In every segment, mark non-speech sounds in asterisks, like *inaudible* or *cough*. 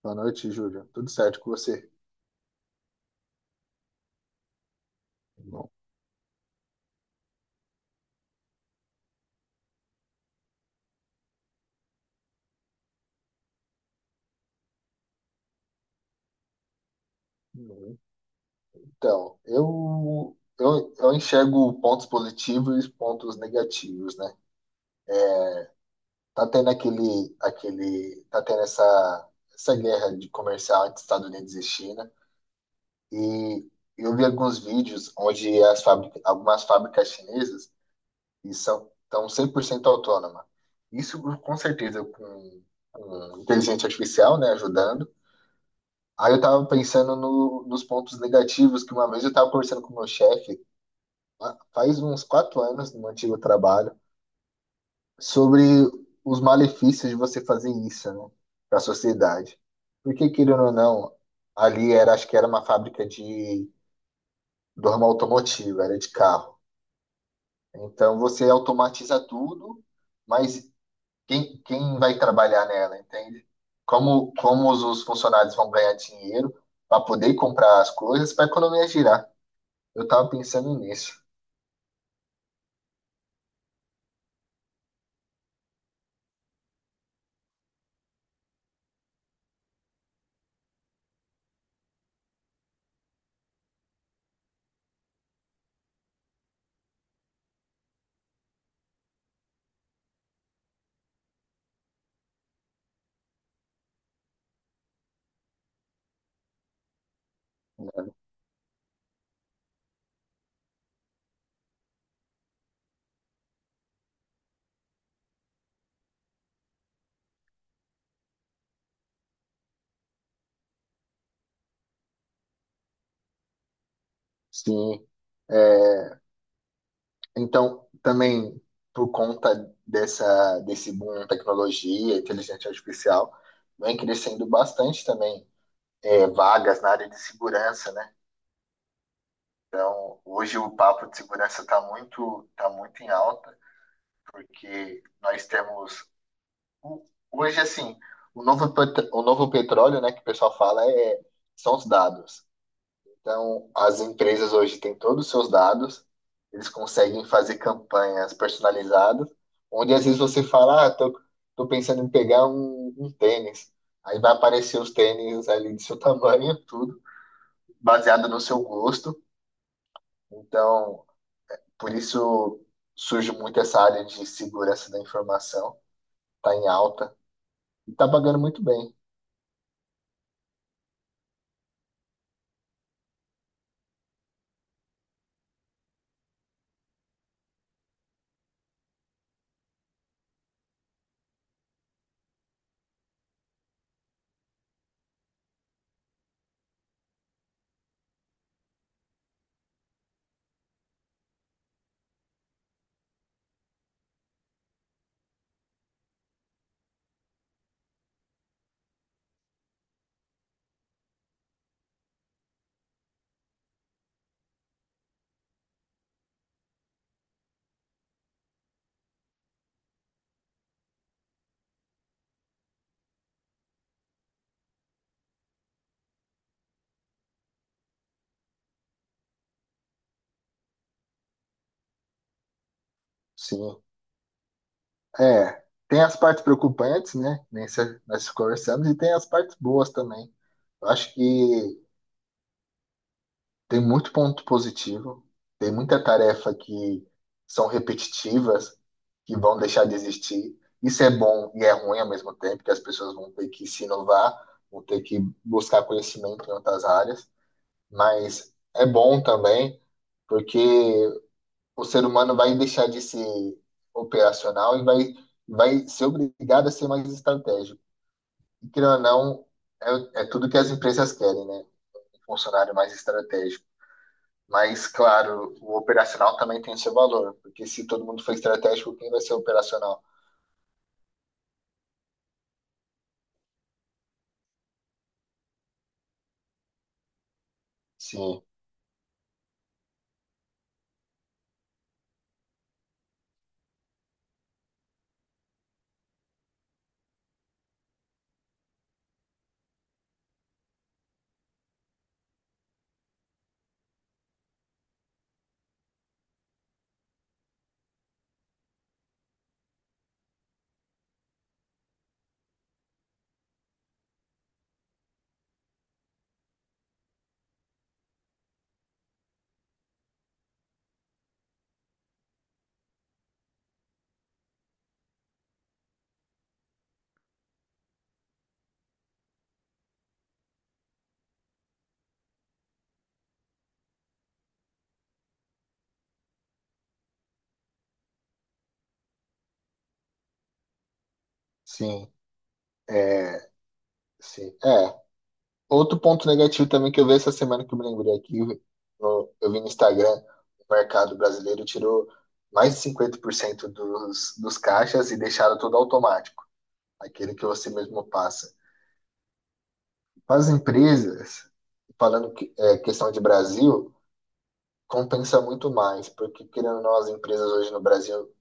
Boa noite, Júlio. Tudo certo com você? Bom. Uhum. Então, eu enxergo pontos positivos e pontos negativos, né? Tá tendo tá tendo essa guerra de comercial entre Estados Unidos e China. E eu vi alguns vídeos onde algumas fábricas chinesas estão 100% autônomas. Isso, com certeza, com inteligência artificial, né, ajudando. Aí eu tava pensando nos pontos negativos, que uma vez eu tava conversando com o meu chefe, faz uns 4 anos no meu antigo trabalho, sobre os malefícios de você fazer isso, né, para a sociedade. Porque, querendo ou não, ali era, acho que era uma fábrica de dorma automotiva, era de carro. Então você automatiza tudo, mas quem vai trabalhar nela, entende? Como os funcionários vão ganhar dinheiro para poder comprar as coisas, para a economia girar. Eu estava pensando nisso, né? Sim. É, então, também por conta desse boom em tecnologia, inteligência artificial, vem crescendo bastante também vagas na área de segurança, né? Então, hoje o papo de segurança tá muito em alta, porque nós temos, hoje assim, o novo, o novo petróleo, né, que o pessoal fala, é, são os dados. Então, as empresas hoje têm todos os seus dados, eles conseguem fazer campanhas personalizadas, onde às vezes você fala, ah, tô pensando em pegar um tênis. Aí vai aparecer os tênis ali do seu *laughs* tamanho, tudo, baseado no seu gosto. Então, por isso surge muito essa área de segurança da informação, tá em alta e tá pagando muito bem. Sim. É, tem as partes preocupantes, né? Nem se- nós conversamos, e tem as partes boas também. Eu acho que tem muito ponto positivo, tem muita tarefa que são repetitivas, que vão deixar de existir. Isso é bom e é ruim ao mesmo tempo, que as pessoas vão ter que se inovar, vão ter que buscar conhecimento em outras áreas, mas é bom também, porque o ser humano vai deixar de ser operacional vai ser obrigado a ser mais estratégico. E querendo ou não, é tudo que as empresas querem, né? Um funcionário mais estratégico. Mas, claro, o operacional também tem seu valor, porque se todo mundo for estratégico, quem vai ser operacional? Sim, sim, é, sim, é. Outro ponto negativo também que eu vi essa semana que eu me lembrei aqui, eu vi no Instagram, o mercado brasileiro tirou mais de 50% dos caixas e deixaram tudo automático, aquele que você mesmo passa. As empresas, falando que, é, questão de Brasil, compensa muito mais, porque querendo ou não, as empresas hoje no Brasil,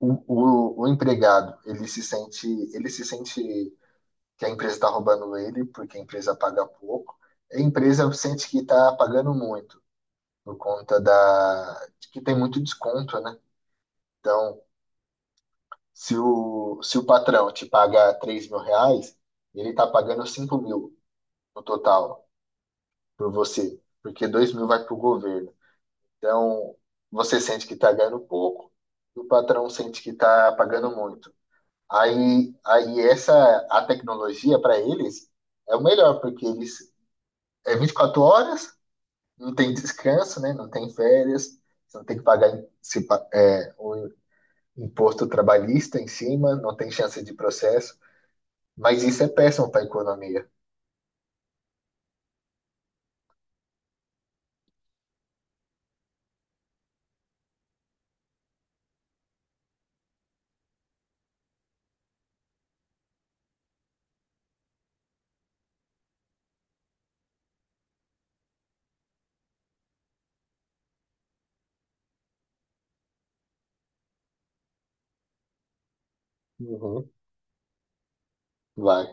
o empregado, ele se sente que a empresa está roubando ele, porque a empresa paga pouco, a empresa sente que está pagando muito, por conta de que tem muito desconto, né? Então, se o patrão te paga R$ 3.000, ele está pagando 5.000 no total por você, porque 2.000 vai para o governo. Então, você sente que está ganhando pouco e o patrão sente que está pagando muito. Aí essa a tecnologia para eles é o melhor, porque eles é 24 horas, não tem descanso, né? Não tem férias, você não tem que pagar se pa- é, o imposto trabalhista em cima, não tem chance de processo. Mas isso é péssimo para a economia. Uhum. Vai,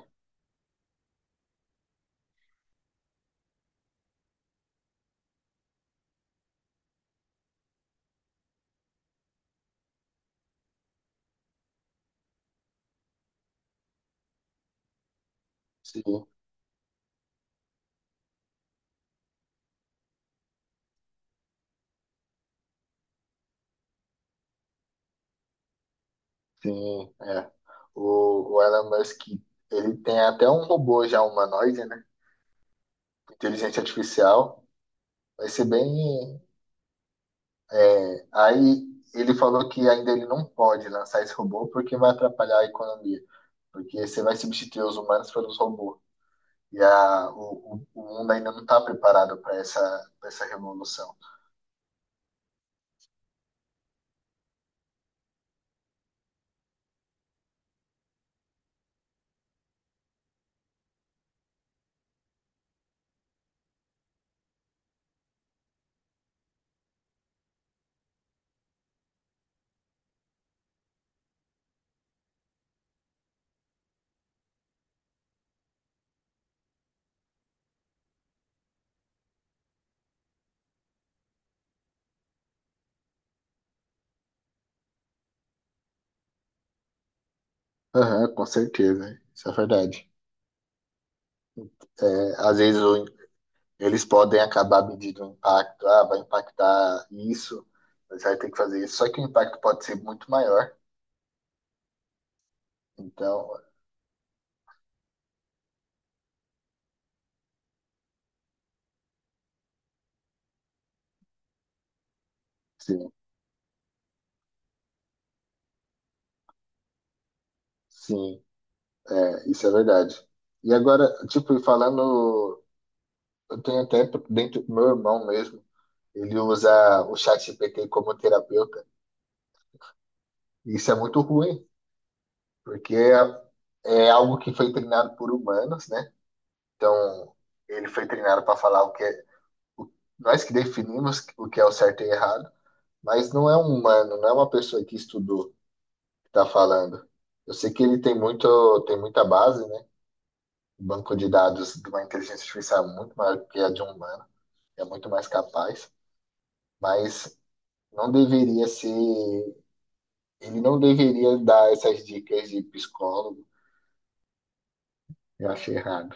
sim, sim, é. O Elon Musk, ele tem até um robô já humanoide, né? Inteligência artificial. Vai ser bem. Aí ele falou que ainda ele não pode lançar esse robô porque vai atrapalhar a economia, porque você vai substituir os humanos pelos robôs. E o mundo ainda não está preparado para pra essa revolução. Aham, com certeza. Isso é verdade. É, às vezes eles podem acabar medindo o impacto. Ah, vai impactar isso, você vai ter que fazer isso. Só que o impacto pode ser muito maior. Então, sim, sim. É, isso é verdade. E agora, tipo, falando, eu tenho até dentro do meu irmão mesmo, ele usa o chat GPT como terapeuta. E isso é muito ruim, porque é algo que foi treinado por humanos, né? Então, ele foi treinado para falar o que é, o- nós que definimos o que é o certo e errado, mas não é um humano, não é uma pessoa que estudou que está falando. Eu sei que tem muita base, né? O banco de dados de uma inteligência artificial é muito maior que a de um humano. É muito mais capaz, mas não deveria ser, ele não deveria dar essas dicas de psicólogo. Eu achei errado.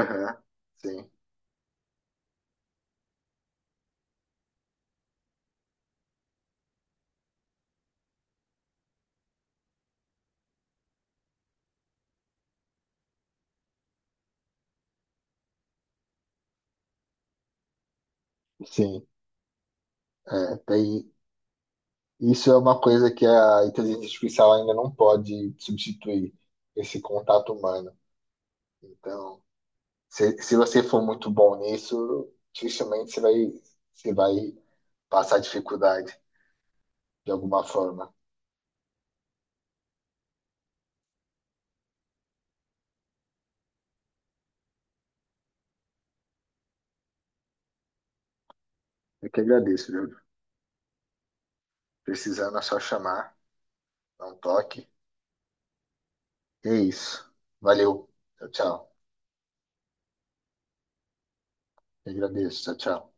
Aham, sim, sim. É, tem, isso é uma coisa que a inteligência artificial ainda não pode substituir, esse contato humano. Então, se você for muito bom nisso, dificilmente você vai passar dificuldade de alguma forma. Eu que agradeço, viu? Precisando é só chamar, dá um toque. É isso. Valeu. Tchau, tchau. Eu agradeço. Tchau, tchau.